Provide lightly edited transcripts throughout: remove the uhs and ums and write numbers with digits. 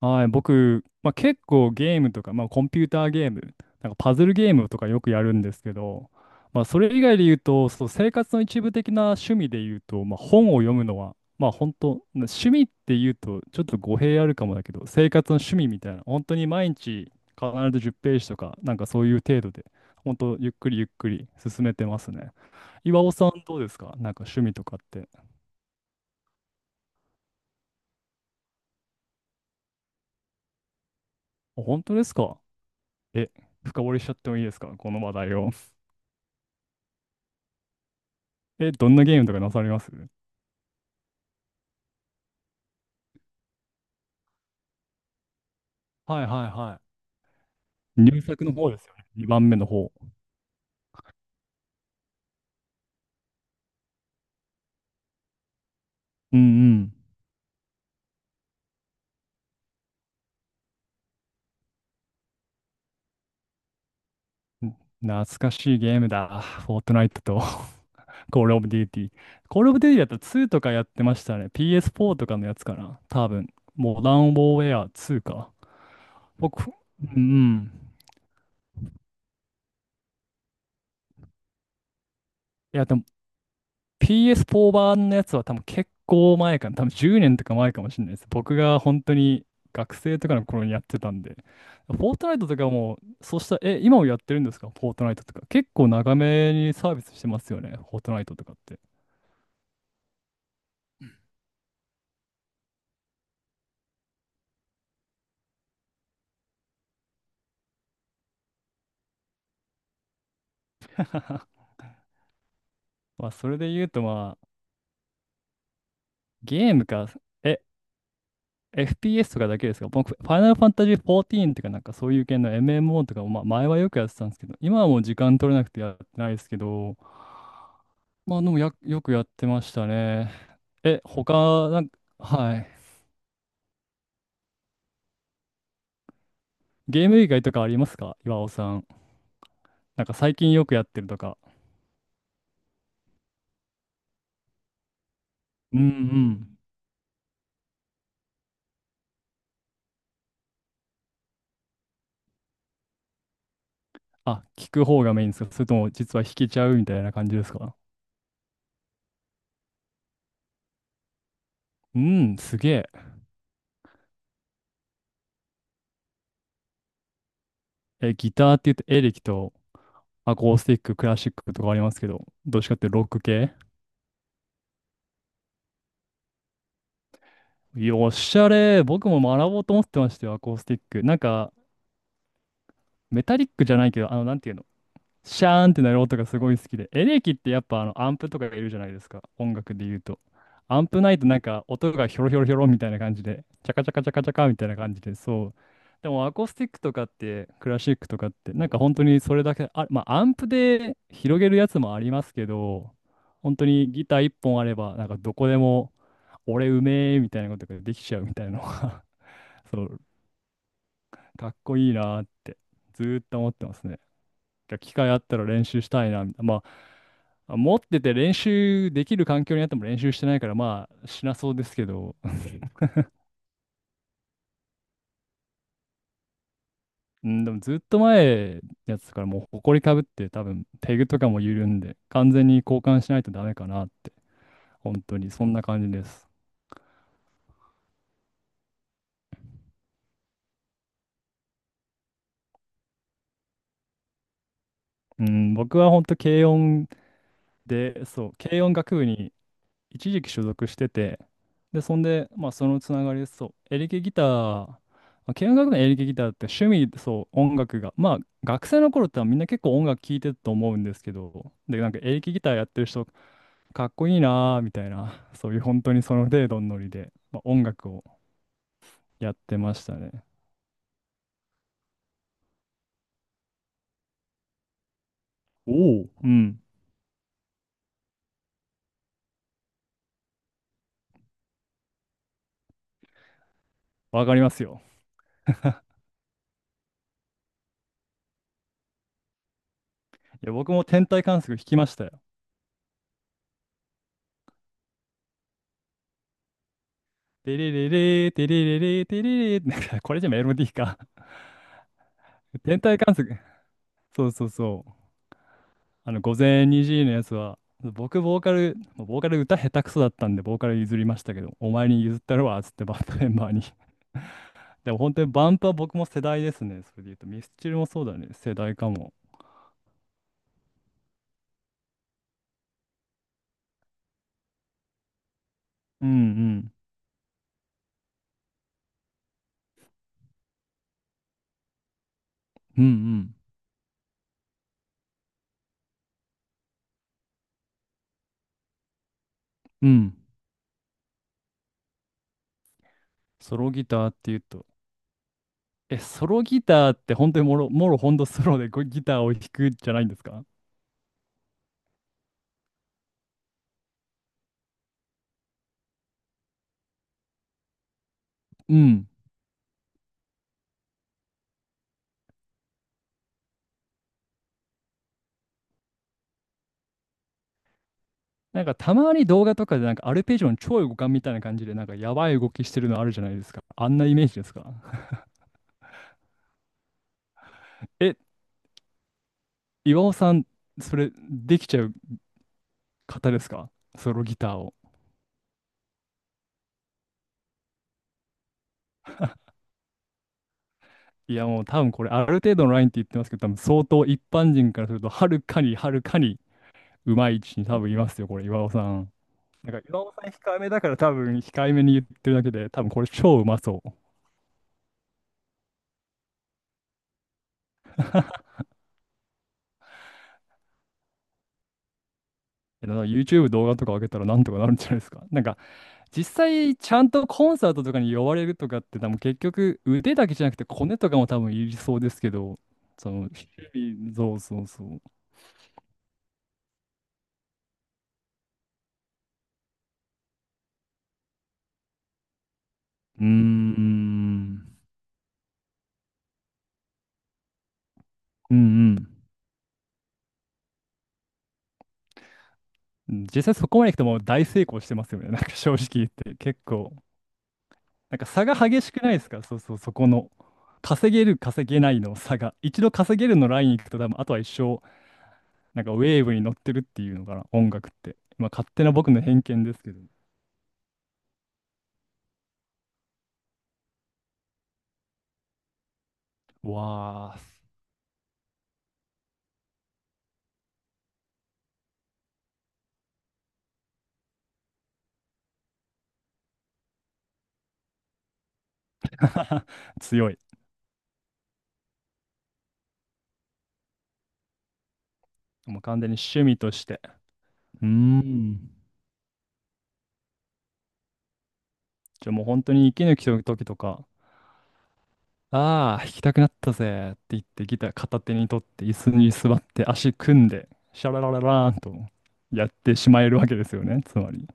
はい、僕、結構ゲームとか、コンピューターゲーム、なんかパズルゲームとかよくやるんですけど、それ以外で言うと、そう、生活の一部的な趣味で言うと、本を読むのは、本当、な趣味って言うとちょっと語弊あるかもだけど、生活の趣味みたいな、本当に毎日必ず10ページとか、なんかそういう程度で、本当、ゆっくりゆっくり進めてますね。岩尾さん、どうですか、なんか趣味とかって。あ、本当ですか。え、深掘りしちゃってもいいですか、この話題を。え、どんなゲームとかなされます。はいはいはい。入作の方ですよね。2番目の方。うんうん。懐かしいゲームだ。フォートナイトと コールオブデューティー。コールオブデューティーだったら2とかやってましたね。PS4 とかのやつかな。多分。モダンウォーウェア2か。僕、うんうん。いや、でも PS4 版のやつは多分結構前かな、多分10年とか前かもしれないです。僕が本当に学生とかの頃にやってたんで。フォートナイトとかも、そうしたら、え、今もやってるんですか、フォートナイトとか。結構長めにサービスしてますよね、フォートナイトとかって。それで言うとゲームか、え、FPS とかだけですか。僕、ファイナルファンタジー14とかなんかそういう系の MMO とかも、前はよくやってたんですけど、今はもう時間取れなくてやってないですけど、でもや、よくやってましたね。え、他、なんか、はい。ゲーム以外とかありますか、岩尾さん。なんか最近よくやってるとか。うんうん。あ、聞く方がメインですか、それとも実は弾けちゃうみたいな感じですか。うん、すげえ。え、ギターって言うとエレキとアコースティック、クラシックとかありますけど、どっちかっていうとロック系。よっしゃれー。僕も学ぼうと思ってましたよ、アコースティック。なんか、メタリックじゃないけど、なんていうの。シャーンってなる音がすごい好きで。エレキってやっぱアンプとかがいるじゃないですか。音楽で言うと。アンプないとなんか音がヒョロヒョロヒョロみたいな感じで、チャカチャカチャカチャカみたいな感じで、そう。でもアコースティックとかって、クラシックとかって、なんか本当にそれだけ、あ、アンプで広げるやつもありますけど、本当にギター一本あれば、なんかどこでも、俺うめえみたいなことができちゃうみたいなのが そう、かっこいいなーって、ずーっと思ってますね。機会あったら練習したいな、みたいな。持ってて練習できる環境にあっても練習してないから、しなそうですけど、うん、でもずっと前のやつからもう埃かぶって多分ペグとかも緩んで完全に交換しないとダメかなって、本当にそんな感じです。うん、僕は本当軽音で、そう、軽音楽部に一時期所属してて、で、そんで、そのつながりで、そう、エレキギター、軽音楽のエレキギターって趣味で、そう、音楽が、学生の頃ってみんな結構音楽聴いてると思うんですけど、で、なんかエレキギターやってる人、かっこいいなーみたいな、そういう本当にその程度のノリで、音楽をやってましたね。おお。うん、わかりますよ。いや、僕も天体観測弾きましたよ。テレレレー、テレレレー、テレレレー、なんかこれじゃメロディーか。天体観測。そうそうそう。あの、午前2時のやつは、僕、ボーカル、ボーカル歌下手くそだったんで、ボーカル譲りましたけど、お前に譲ったるわ、つってバンドメンバーに。でも本当にバンプは僕も世代ですね。それで言うと、ミスチルもそうだね。世代かも。うんうん。うんうん。うん。ソロギターっていうと、え、ソロギターって本当にもろ、もろほんとソロでこうギターを弾くじゃないんですか。うん。なんかたまに動画とかでなんかアルペジオの超互換みたいな感じでなんかやばい動きしてるのあるじゃないですか。あんなイメージですか。え、岩尾さん、それできちゃう方ですか、ソロギターを。いやもう多分これある程度のラインって言ってますけど、多分相当一般人からするとはるかにはるかにうまい位置に多分いますよ、これ岩尾さん。なんか岩尾さん控えめだから多分控えめに言ってるだけで、多分これ超うまそう。いやだから YouTube 動画とか上げたらなんとかなるんじゃないですか。なんか実際ちゃんとコンサートとかに呼ばれるとかって多分結局腕だけじゃなくてコネとかも多分いりそうですけど、その趣味、日々そうそうそう。うーん。うんうん。実際そこまで行くともう大成功してますよね。なんか正直言って結構。なんか差が激しくないですか、そうそう、そこの。稼げる、稼げないの差が。一度稼げるのライン行くと多分、あとは一生、なんかウェーブに乗ってるっていうのかな、音楽って。まあ勝手な僕の偏見ですけど。わあ、強い。もう完全に趣味として。うーん。じゃあもう本当に息抜きの時とか、ああ、弾きたくなったぜって言ってギター片手に取って椅子に座って足組んでシャララララーンとやってしまえるわけですよね、つまり。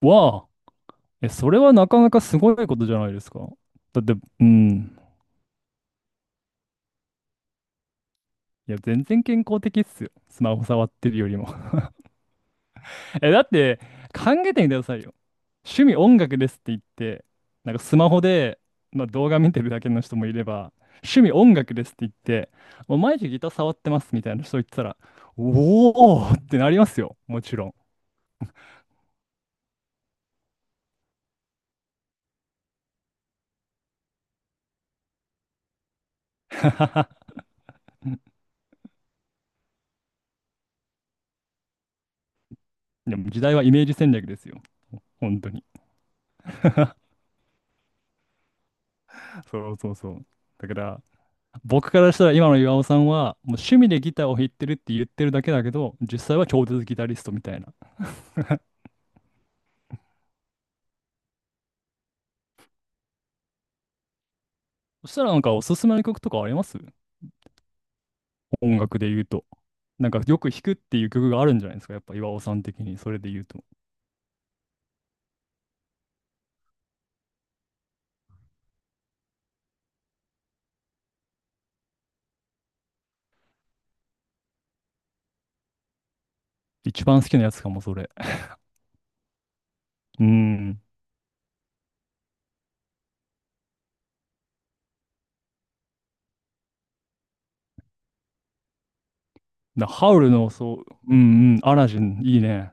わあ、え、それはなかなかすごいことじゃないですか。だって、うん。いや、全然健康的っすよ。スマホ触ってるよりも。え、だって、考えてみてくださいよ。趣味音楽ですって言って、なんかスマホで、動画見てるだけの人もいれば、趣味音楽ですって言って、もう毎日ギター触ってますみたいな人言ってたら、おーってなりますよ。もちろん。でも時代はイメージ戦略ですよ。本当に。そうそうそう。だから、僕からしたら今の岩尾さんは、もう趣味でギターを弾いてるって言ってるだけだけど、実際は超絶ギタリストみたいな。そしたらなんかおすすめの曲とかあります、音楽で言うと。なんかよく弾くっていう曲があるんじゃないですか、やっぱ岩尾さん的に、それで言うと。一番好きなやつかも、それ。うん。だハウルの、そう、うんうん、アラジン、いいね。